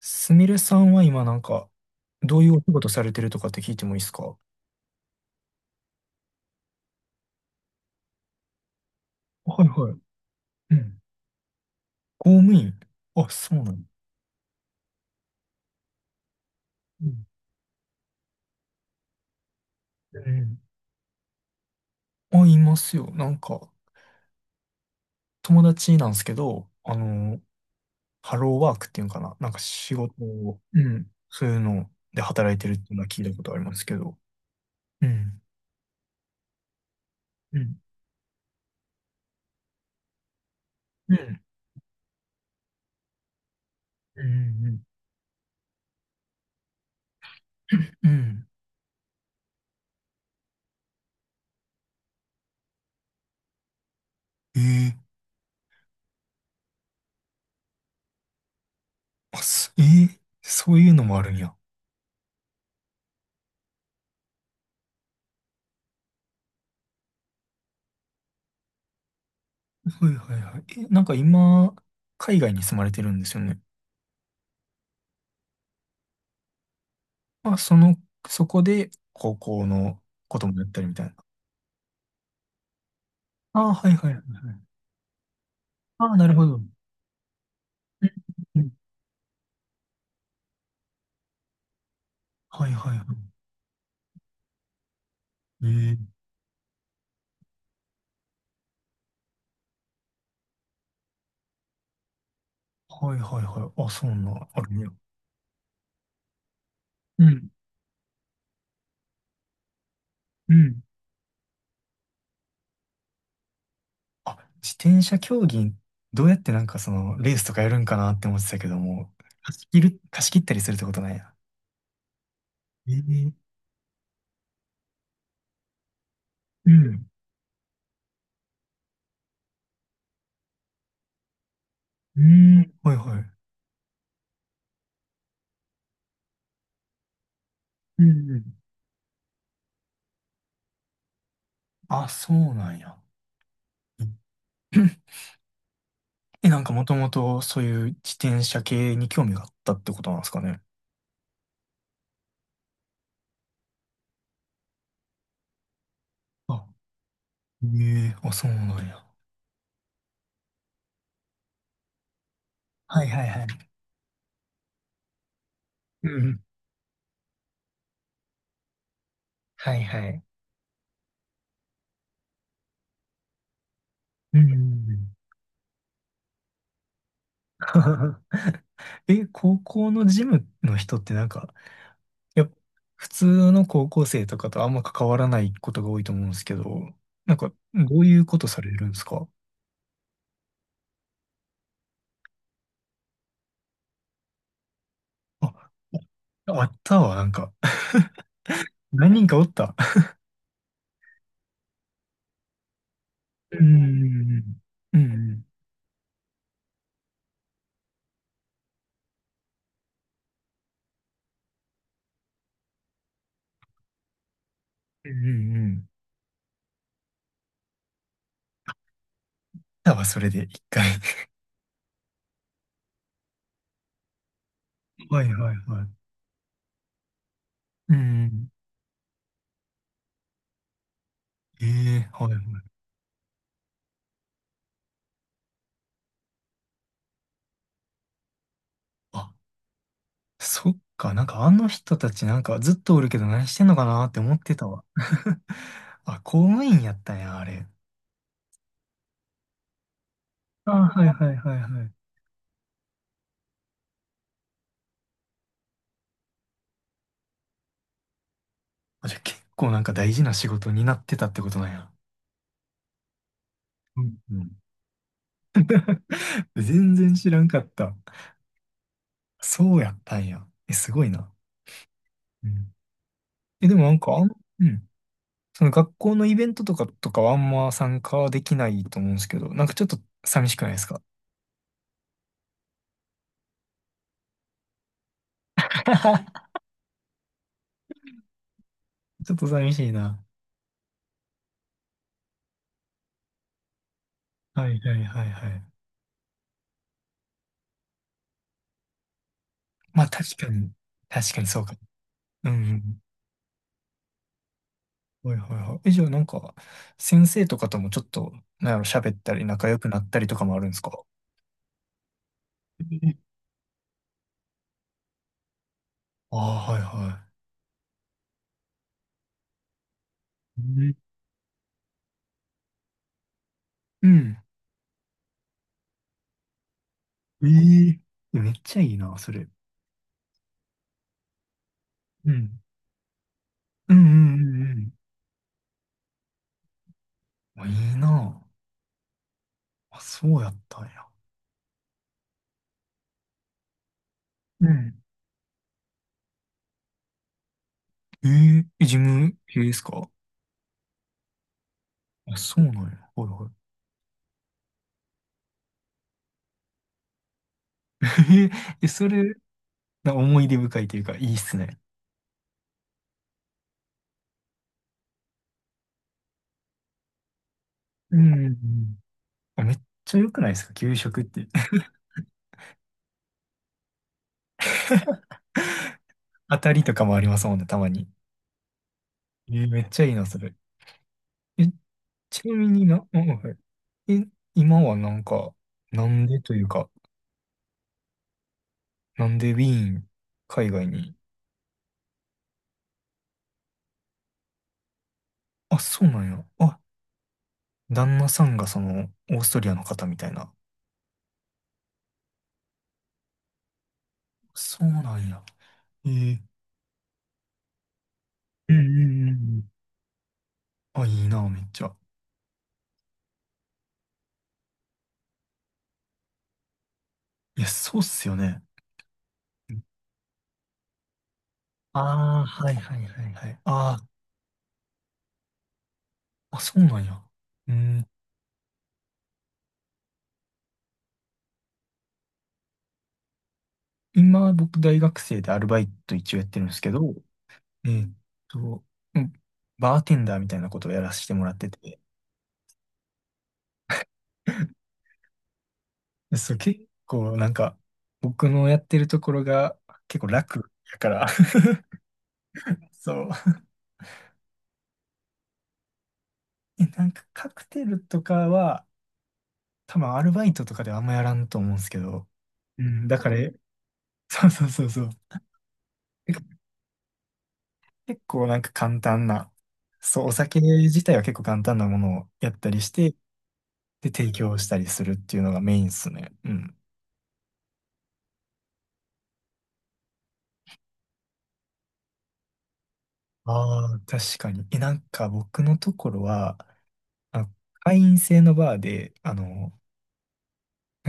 すみれさんは今なんか、どういうお仕事されてるとかって聞いてもいいですか？はいはい。うん。公務員。あ、そうなの？うん。うん。あ、いますよ。なんか、友達なんですけど、ハローワークっていうんかな。なんか仕事を、うん。そういうので働いてるっていうのは聞いたことありますけど。うん。うん。うん。うん。うん。うん。うん。あ、すええそういうのもあるんや。はいはいはい。え、なんか今、海外に住まれてるんですよね？まあ、その、そこで高校のこともやったりみたいな。ああ、はいはいはいはい。ああ、なるほど。うん。うん。はいはいはい。ええ。はいはいはい。あ、そんな、あるね。うん。うん。あ、自転車競技、どうやってなんかその、レースとかやるんかなって思ってたけども、貸し切ったりするってことなんや。ええ。うん。うん。はいはい。うんうん。あ、そうなんや。え、なんかもともとそういう自転車系に興味があったってことなんですかね？あ、ええ、あ、そうなんや。はいはいはい。うんうん。はいはい。うんうんうん。 え、高校のジムの人ってなんか、やっぱ普通の高校生とかとあんま関わらないことが多いと思うんですけど、なんか、どういうことされるんですか？あ、あったわ、なんか。何人かおった。うんうんうんうん。うんうんうんうん。だわ、それで、一回。はいはいはい。うん。ええ。はいはい。あ、そっか。なんかあの人たちなんかずっとおるけど何してんのかなって思ってたわ。あ、公務員やったんや、あれ。あ、はいはいはいはい。あ、じゃあ結構なんか大事な仕事になってたってことなんや。うんうん。全然知らんかった。そうやったんや。え、すごいな。うん。え、でもなんかうん。その学校のイベントとかはあんま参加できないと思うんですけど、なんかちょっと寂しくないですか？ ちょっと寂しいな。はいはいはいはい。まあ確かに、確かにそうかも。うん、うん。はいはいはい。え、じゃあなんか、先生とかともちょっと、なんやろ、喋ったり仲良くなったりとかもあるんですか？え、ああ、はいはい。うんうん。ええ。めっちゃいいな、それ。うん。うんうんうんうん。あ、いいな。あ、そうやったんや。うん。えええ、自分、ええですか？あ、そうなんや。はいはい。えええ、それ、思い出深いというか、いいっすね。うんうんうん。めっちゃ良くないですか？給食って。当たりとかもありますもんね、たまに。めっちゃいいな、それ。え、ちなみにな、うん、はい。え、今はなんか、なんでというか、なんでウィーン、海外に？あ、そうなんや。あ、旦那さんがその、オーストリアの方みたいな。そうなんや。えー、うんうんうんうん。あ、いいな、めっちゃ。いや、そうっすよね。ああ、はいはいはいはい。ああ、あ、そうなんや。うん。今、僕、大学生でアルバイト一応やってるんですけど、えっとう、んバーテンダーみたいなことをやらせてもらってて、でそう、結構なんか、僕のやってるところが結構楽やから、そう。え、なんかカクテルとかは、多分アルバイトとかではあんまやらんと思うんですけど、うん、だから、そうそうそうそう。結構なんか簡単な、そう、お酒自体は結構簡単なものをやったりして、で、提供したりするっていうのがメインっすね。うん。ああ、確かに。え、なんか僕のところは、あの、会員制のバーで、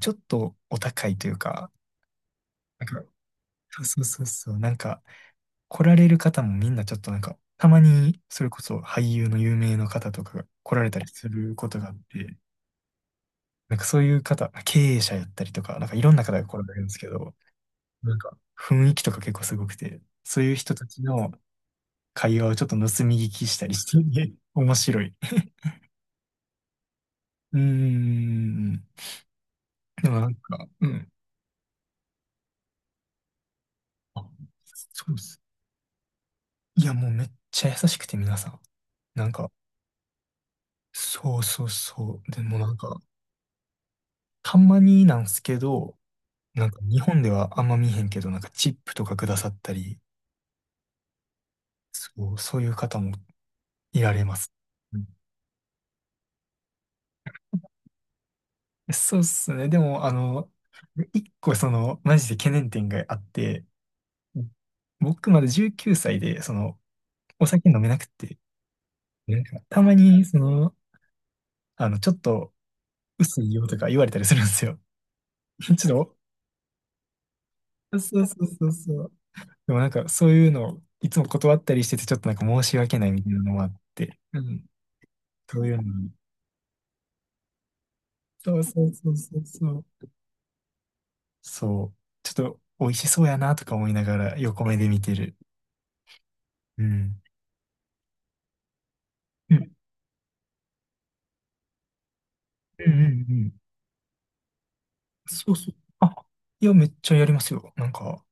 ちょっとお高いというか、なんか、そうそうそうそう、なんか、来られる方もみんなちょっとなんか、たまに、それこそ俳優の有名の方とかが来られたりすることがあって、なんかそういう方、経営者やったりとか、なんかいろんな方が来られるんですけど、なんか、雰囲気とか結構すごくて、そういう人たちの会話をちょっと盗み聞きしたりしてて、面白い。うーん。でもなんか、うん。あ、そうです。いや、もうめっちゃ優しくて皆さん。なんか、そうそうそう。でもなんか、たまになんすけど、なんか日本ではあんま見えへんけど、なんかチップとかくださったり、そう、そういう方もいられます。うん。そうっすね。でも、あの、一個その、マジで懸念点があって、僕まだ19歳で、その、お酒飲めなくて、なんかたまに、その、ちょっと薄いよとか言われたりするんですよ。ちょっと、そうそうそうそう。でもなんか、そういうのをいつも断ったりしてて、ちょっとなんか申し訳ないみたいなのもあって、うん、そういうのに。そうそうそうそうそう。そう。ちょっと、美味しそうやなとか思いながら横目で見てる。うん。うん、うん、うんうん。そうそう。あ、いや、めっちゃやりますよ。なんか、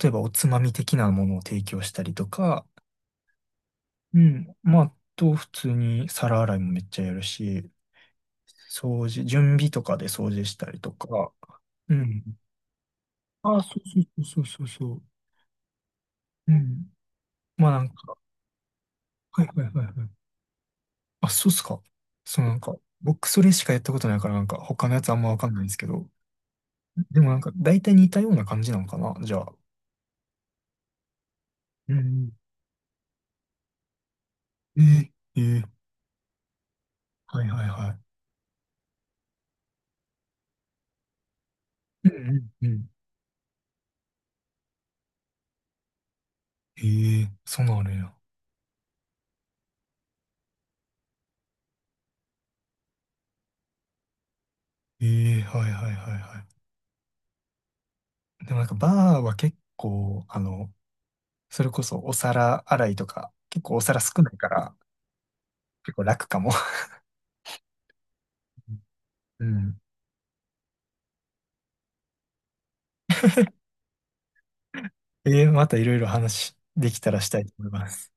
例えばおつまみ的なものを提供したりとか、うん。まあ、普通に皿洗いもめっちゃやるし、掃除、準備とかで掃除したりとか。うん。あ、そうそうそうそうそうそう。うん。まあなんか、はいはいはいはい。あ、そうっすか。そうなんか、僕それしかやったことないからなんか他のやつあんまわかんないんですけど。でもなんか大体似たような感じなのかな、じゃあ。うん。えー、えー、はいはいはい。うんうんうん。ええ、そうなのや。ええ、はいはいはいはい。でもなんかバーは結構、あの、それこそお皿洗いとか、結構お皿少ないから、結構楽かも。うん。またいろいろ話できたらしたいと思います。